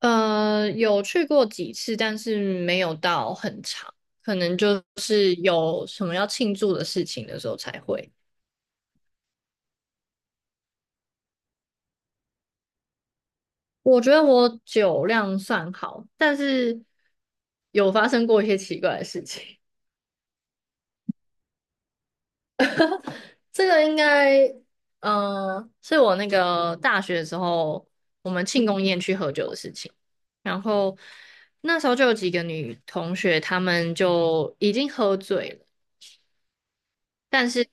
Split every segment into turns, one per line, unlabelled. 有去过几次，但是没有到很长，可能就是有什么要庆祝的事情的时候才会。我觉得我酒量算好，但是有发生过一些奇怪的事情。这个应该，是我那个大学的时候，我们庆功宴去喝酒的事情。然后那时候就有几个女同学，她们就已经喝醉了，但是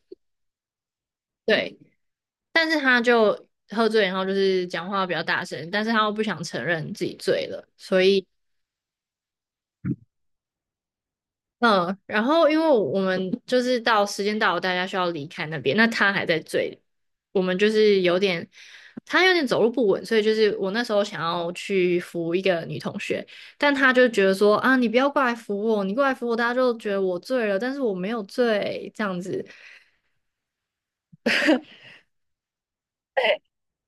对，但是他就喝醉，然后就是讲话比较大声，但是他又不想承认自己醉了，所以嗯，然后因为我们就是到时间到了，大家需要离开那边，那他还在醉，我们就是有点他有点走路不稳，所以就是我那时候想要去扶一个女同学，但他就觉得说啊，你不要过来扶我，你过来扶我，大家就觉得我醉了，但是我没有醉这样子，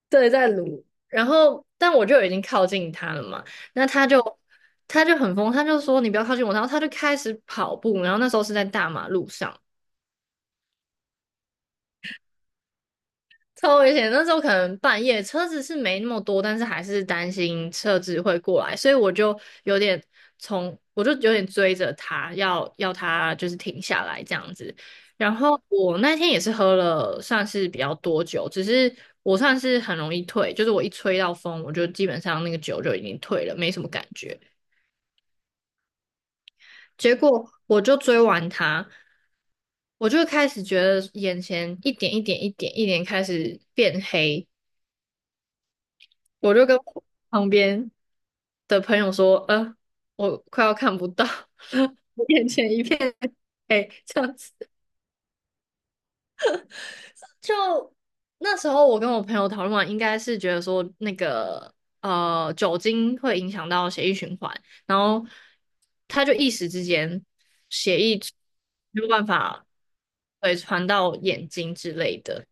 对，在撸。然后，但我就已经靠近他了嘛，那他就他就很疯，他就说你不要靠近我，然后他就开始跑步，然后那时候是在大马路上，超危险！那时候可能半夜车子是没那么多，但是还是担心车子会过来，所以我就有点从我就有点追着他，要他就是停下来这样子。然后我那天也是喝了算是比较多酒，只是我算是很容易退，就是我一吹到风，我就基本上那个酒就已经退了，没什么感觉。结果我就追完他，我就开始觉得眼前一点一点一点一点开始变黑，我就跟我旁边的朋友说，我快要看不到，我眼前一片黑，这样子。就那时候我跟我朋友讨论完，应该是觉得说那个酒精会影响到血液循环，然后他就一时之间血液没有办法对传到眼睛之类的，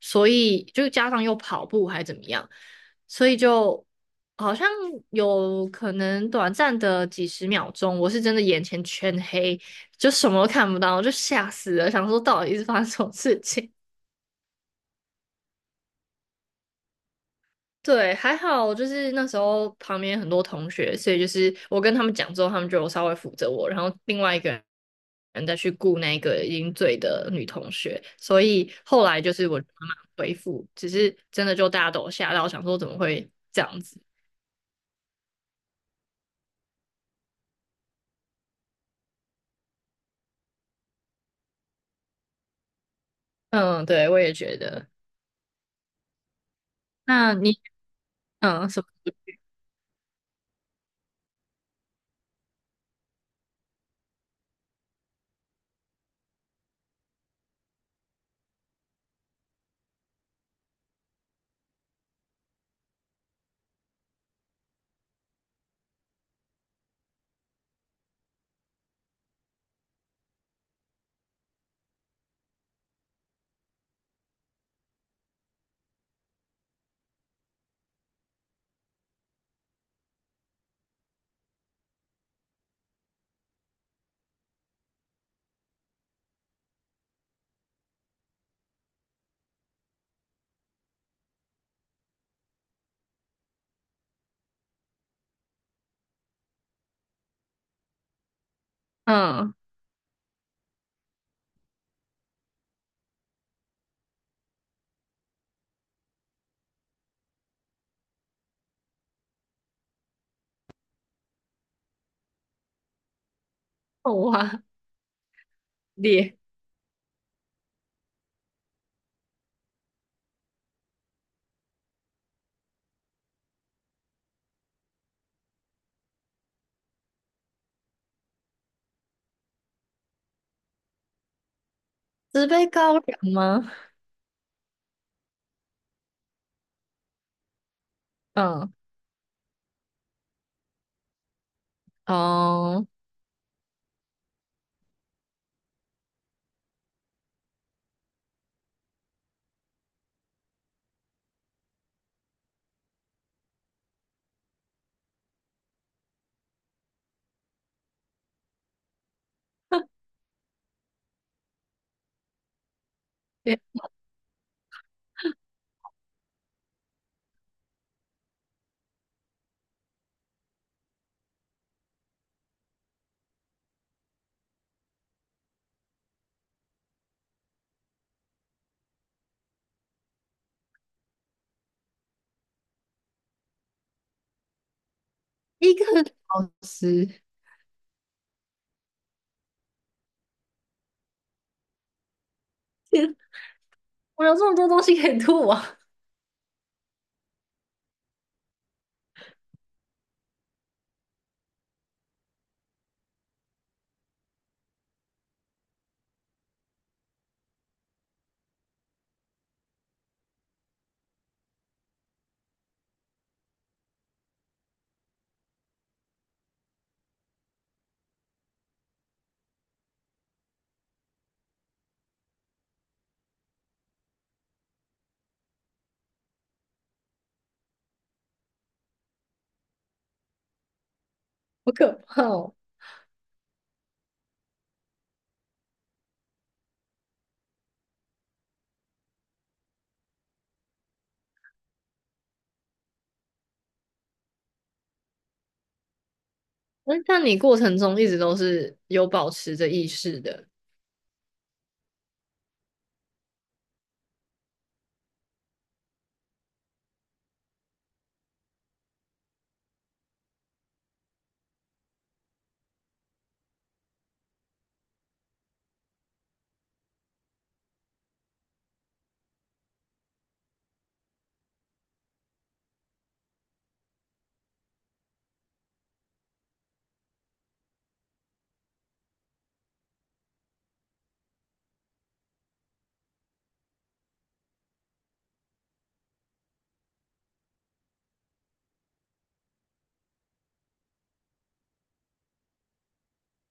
所以就加上又跑步还怎么样，所以就好像有可能短暂的几十秒钟，我是真的眼前全黑，就什么都看不到，我就吓死了，想说到底是发生什么事情。对，还好，就是那时候旁边很多同学，所以就是我跟他们讲之后，他们就有稍微扶着我，然后另外一个人再去顾那个已经醉的女同学，所以后来就是我慢慢恢复，只是真的就大家都有吓到，想说怎么会这样子？嗯，对，我也觉得。那你嗯什么嗯哇裂纸杯高粱吗？嗯哦，一个小时，天我有这么多东西可以吐啊！好可怕哦！那像你过程中一直都是有保持着意识的，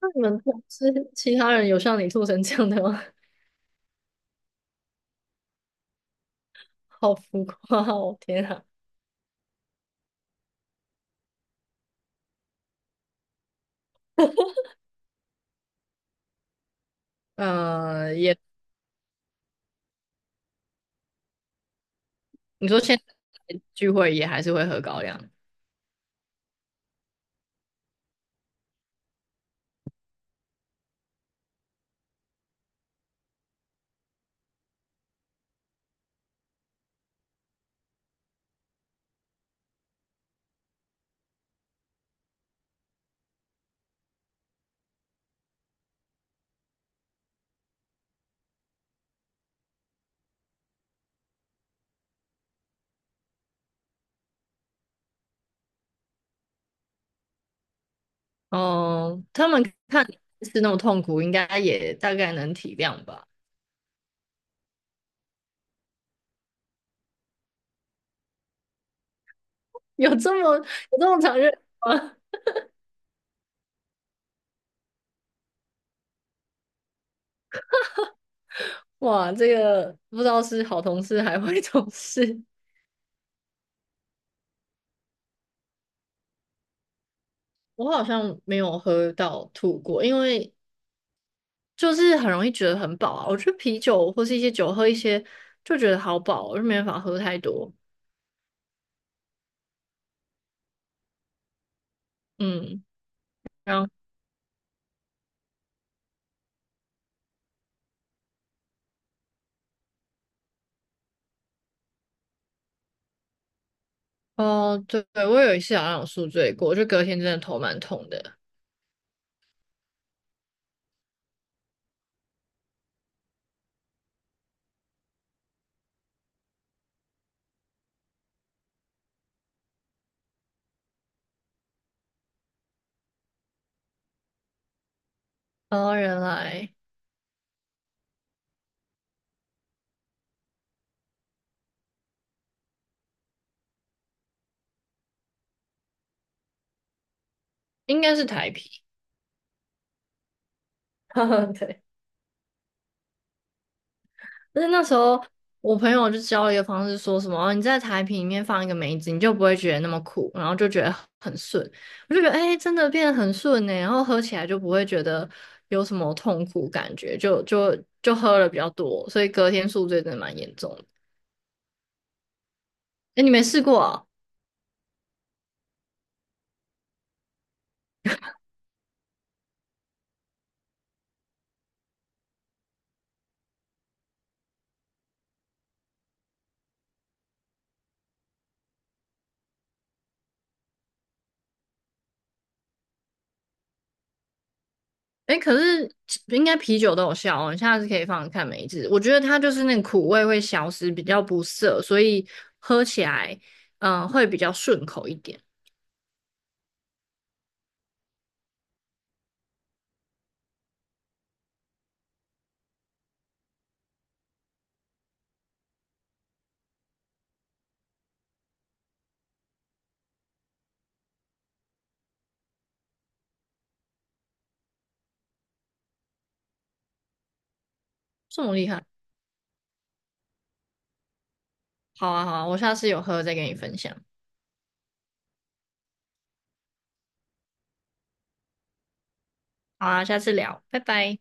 那你们公司其他人有像你吐成这样的吗？好浮夸哦！天啊，也你说现在聚会也还是会喝高粱，哦，他们看你是那么痛苦，应该也大概能体谅吧。有这么有这么残忍吗？哇，这个不知道是好同事还坏同事，我好像没有喝到吐过，因为就是很容易觉得很饱啊。我觉得啤酒或是一些酒喝一些就觉得好饱，我就没办法喝太多。嗯，然后对，对我有一次好像有宿醉过，就隔天真的头蛮痛的。哦，原来应该是台啤。对。但是那时候我朋友就教了一个方式，说什么哦你在台啤里面放一个梅子，你就不会觉得那么苦，然后就觉得很顺。我就觉得哎、真的变得很顺呢、然后喝起来就不会觉得有什么痛苦感觉，就就喝了比较多，所以隔天宿醉真的蛮严重的。哎、你没试过啊？哎、可是应该啤酒都有效哦，你下次可以放着看梅子。我觉得它就是那个苦味会消失，比较不涩，所以喝起来会比较顺口一点。这么厉害。好啊，好啊，我下次有喝再跟你分享。好啊，下次聊，拜拜。